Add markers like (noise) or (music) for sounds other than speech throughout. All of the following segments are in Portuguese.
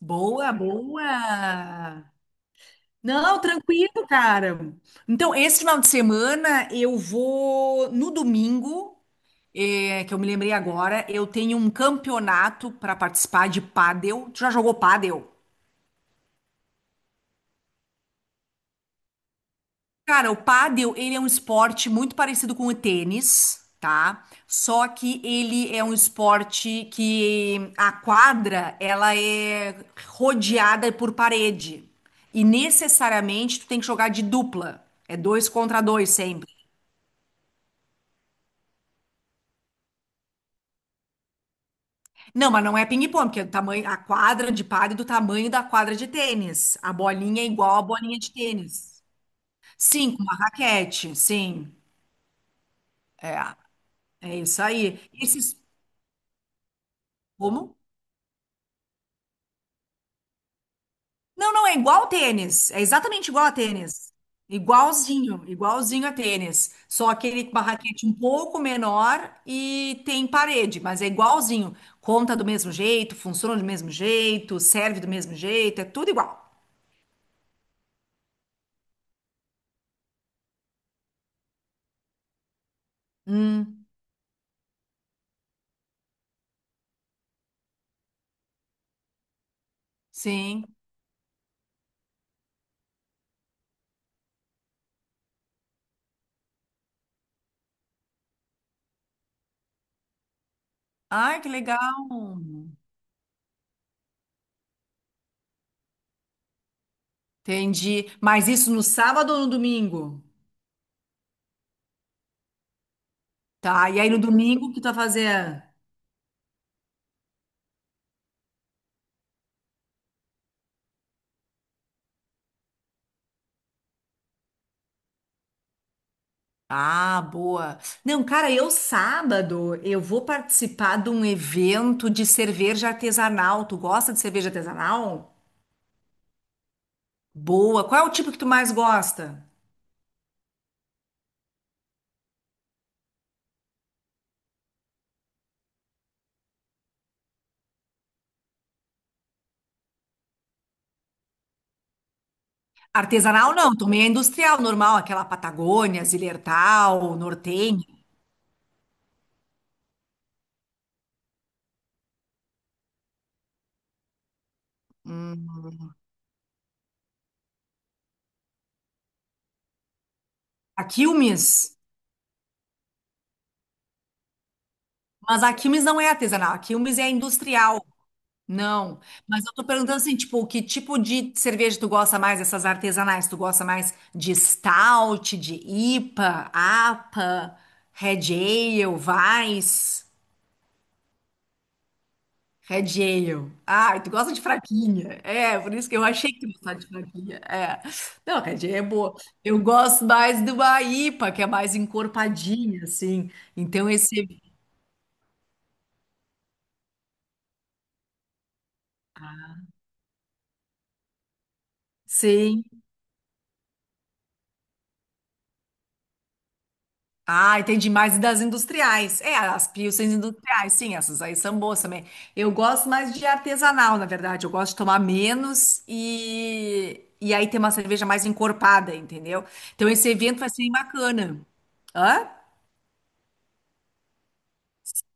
Boa, boa. Não, tranquilo, cara. Então, esse final de semana eu vou no domingo, que eu me lembrei agora, eu tenho um campeonato para participar de pádel. Tu já jogou pádel? Cara, o pádel, ele é um esporte muito parecido com o tênis, tá? Só que ele é um esporte que a quadra, ela é rodeada por parede. E necessariamente tu tem que jogar de dupla. É dois contra dois sempre. Não, mas não é ping-pong, porque é do tamanho, a quadra de pádel é do tamanho da quadra de tênis. A bolinha é igual à bolinha de tênis. Sim, com uma raquete, sim. É, é isso aí. Como? Não, não, é igual tênis. É exatamente igual a tênis. Igualzinho, igualzinho a tênis. Só que ele com uma raquete um pouco menor e tem parede, mas é igualzinho. Conta do mesmo jeito, funciona do mesmo jeito, serve do mesmo jeito, é tudo igual. Hum, sim. Ai, que legal. Entendi. Mas isso no sábado ou no domingo? Tá, e aí no domingo o que tu vai fazer? Ah, boa. Não, cara, eu sábado eu vou participar de um evento de cerveja artesanal. Tu gosta de cerveja artesanal? Boa. Qual é o tipo que tu mais gosta? Artesanal não, tomei a industrial, normal, aquela Patagônia, Zillertal, Nortenha. Hum. A Quilmes, mas a Quilmes não é artesanal, a Quilmes é industrial. Não, mas eu tô perguntando assim, tipo, que tipo de cerveja tu gosta mais, essas artesanais? Tu gosta mais de stout, de IPA, APA, Red Ale, Weiss, Red Ale. Ah, tu gosta de fraquinha. É, por isso que eu achei que tu gostava de fraquinha. É. Não, Red Ale é boa. Eu gosto mais de uma IPA, que é mais encorpadinha, assim. Então esse, sim. Ah, entendi mais das industriais. É, as pilsens industriais, sim, essas aí são boas também. Eu gosto mais de artesanal, na verdade. Eu gosto de tomar menos e aí ter uma cerveja mais encorpada, entendeu? Então esse evento vai ser bacana. Hã?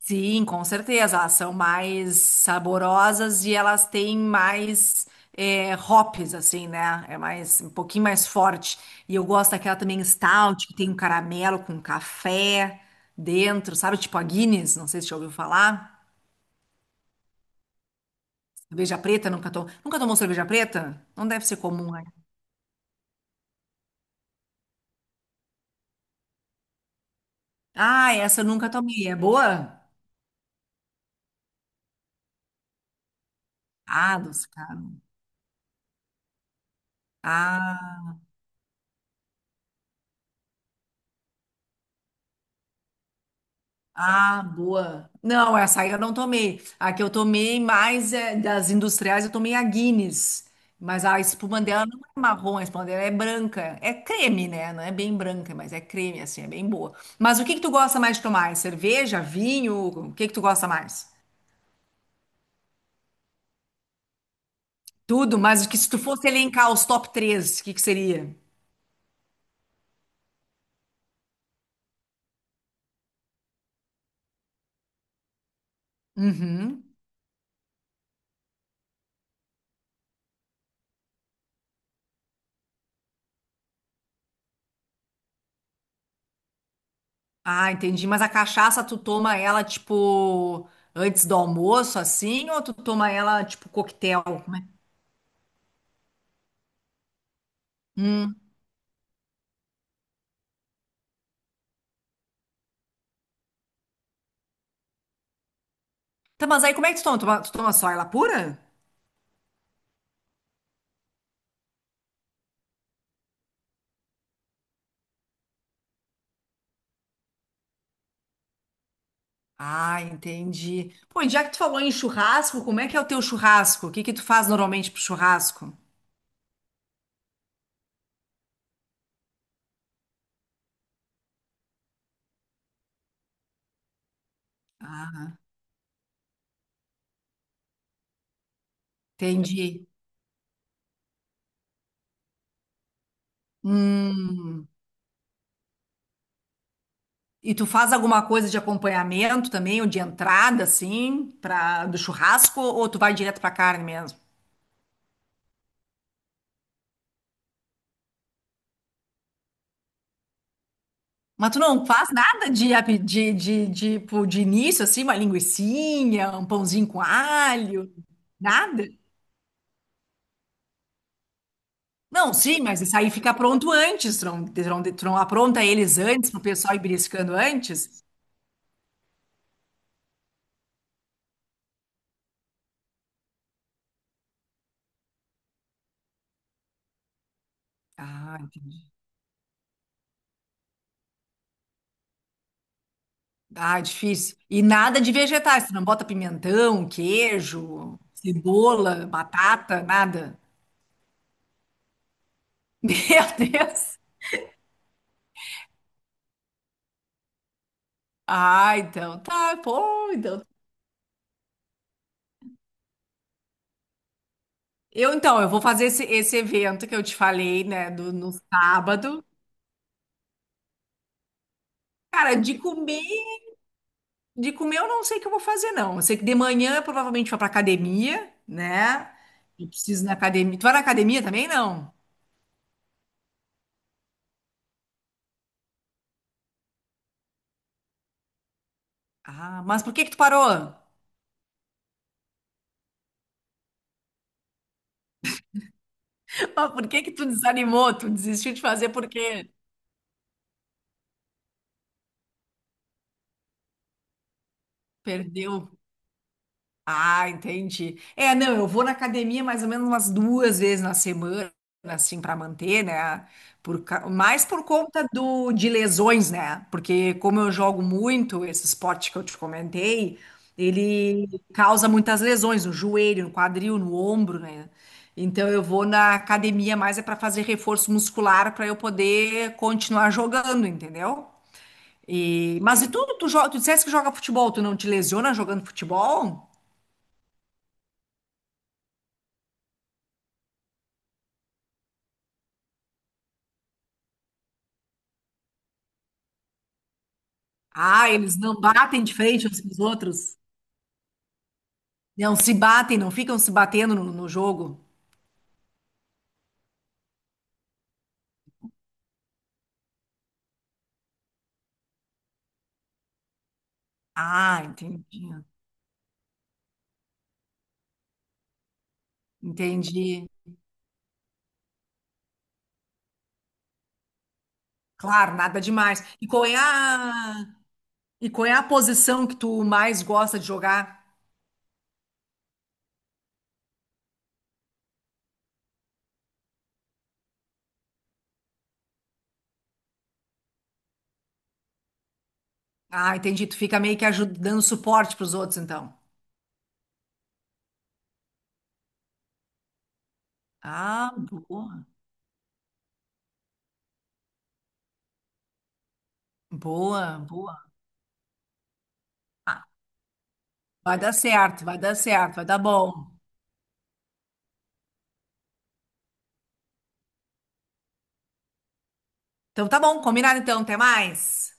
Sim, com certeza. Elas são mais saborosas e elas têm mais é, hops, assim, né? É mais um pouquinho mais forte. E eu gosto daquela também stout, que tem um caramelo com café dentro, sabe? Tipo a Guinness, não sei se você já ouviu falar. Cerveja preta, nunca tomou. Nunca tomou cerveja preta? Não deve ser comum, né? Ah, essa eu nunca tomei. É boa? Ah, dos caras. Ah. Ah, boa. Não, essa aí eu não tomei. A que eu tomei mais das industriais, eu tomei a Guinness. Mas a espuma dela não é marrom, a espuma dela é branca. É creme, né? Não é bem branca, mas é creme, assim, é bem boa. Mas o que que tu gosta mais de tomar? É cerveja, vinho? O que que tu gosta mais? Tudo, mas o que se tu fosse elencar os top três, o que que seria? Uhum. Ah, entendi. Mas a cachaça, tu toma ela, tipo, antes do almoço, assim? Ou tu toma ela, tipo, coquetel? Como é? Hum. Tá, mas aí como é que tu toma? Tu toma só ela pura? Ah, entendi. Pô, e já que tu falou em churrasco, como é que é o teu churrasco? O que que tu faz normalmente pro churrasco? Ah, entendi. Hum. E tu faz alguma coisa de acompanhamento também, ou de entrada, assim, pra, do churrasco, ou tu vai direto pra carne mesmo? Mas tu não faz nada de, ape- de, pô, de início, assim, uma linguicinha, um pãozinho com alho, nada? Não, sim, mas isso aí fica pronto antes. Tron, tron, tron, apronta eles antes pro pessoal ir beliscando antes. Ah, entendi. Ah, difícil. E nada de vegetais. Tu não bota pimentão, queijo, cebola, batata, nada. (laughs) Meu Deus. Ah, então tá. Pô, então. Então, eu vou fazer esse evento que eu te falei, né, do, no sábado. Cara, de comer. De comer eu não sei o que eu vou fazer, não. Eu sei que de manhã eu provavelmente vou pra academia, né? Eu preciso ir na academia. Tu vai na academia também, não? Ah, mas por que que tu parou? (laughs) Por que que tu desanimou? Tu desistiu de fazer por quê? Perdeu. Ah, entendi. É, não, eu vou na academia mais ou menos umas duas vezes na semana, assim, para manter, né? Mais por conta de lesões, né? Porque como eu jogo muito esse esporte que eu te comentei, ele causa muitas lesões no joelho, no quadril, no ombro, né? Então eu vou na academia mais é para fazer reforço muscular para eu poder continuar jogando, entendeu? Mas e tu disseste que joga futebol, tu não te lesiona jogando futebol? Ah, eles não batem de frente uns com os outros? Não se batem, não ficam se batendo no jogo. Ah, entendi. Entendi. Claro, nada demais. E qual é a posição que tu mais gosta de jogar? Ah, entendi. Tu fica meio que ajudando, dando suporte pros outros, então. Ah, boa. Boa, boa. Ah, vai dar certo, vai dar certo, vai dar bom. Então tá bom, combinado então, até mais.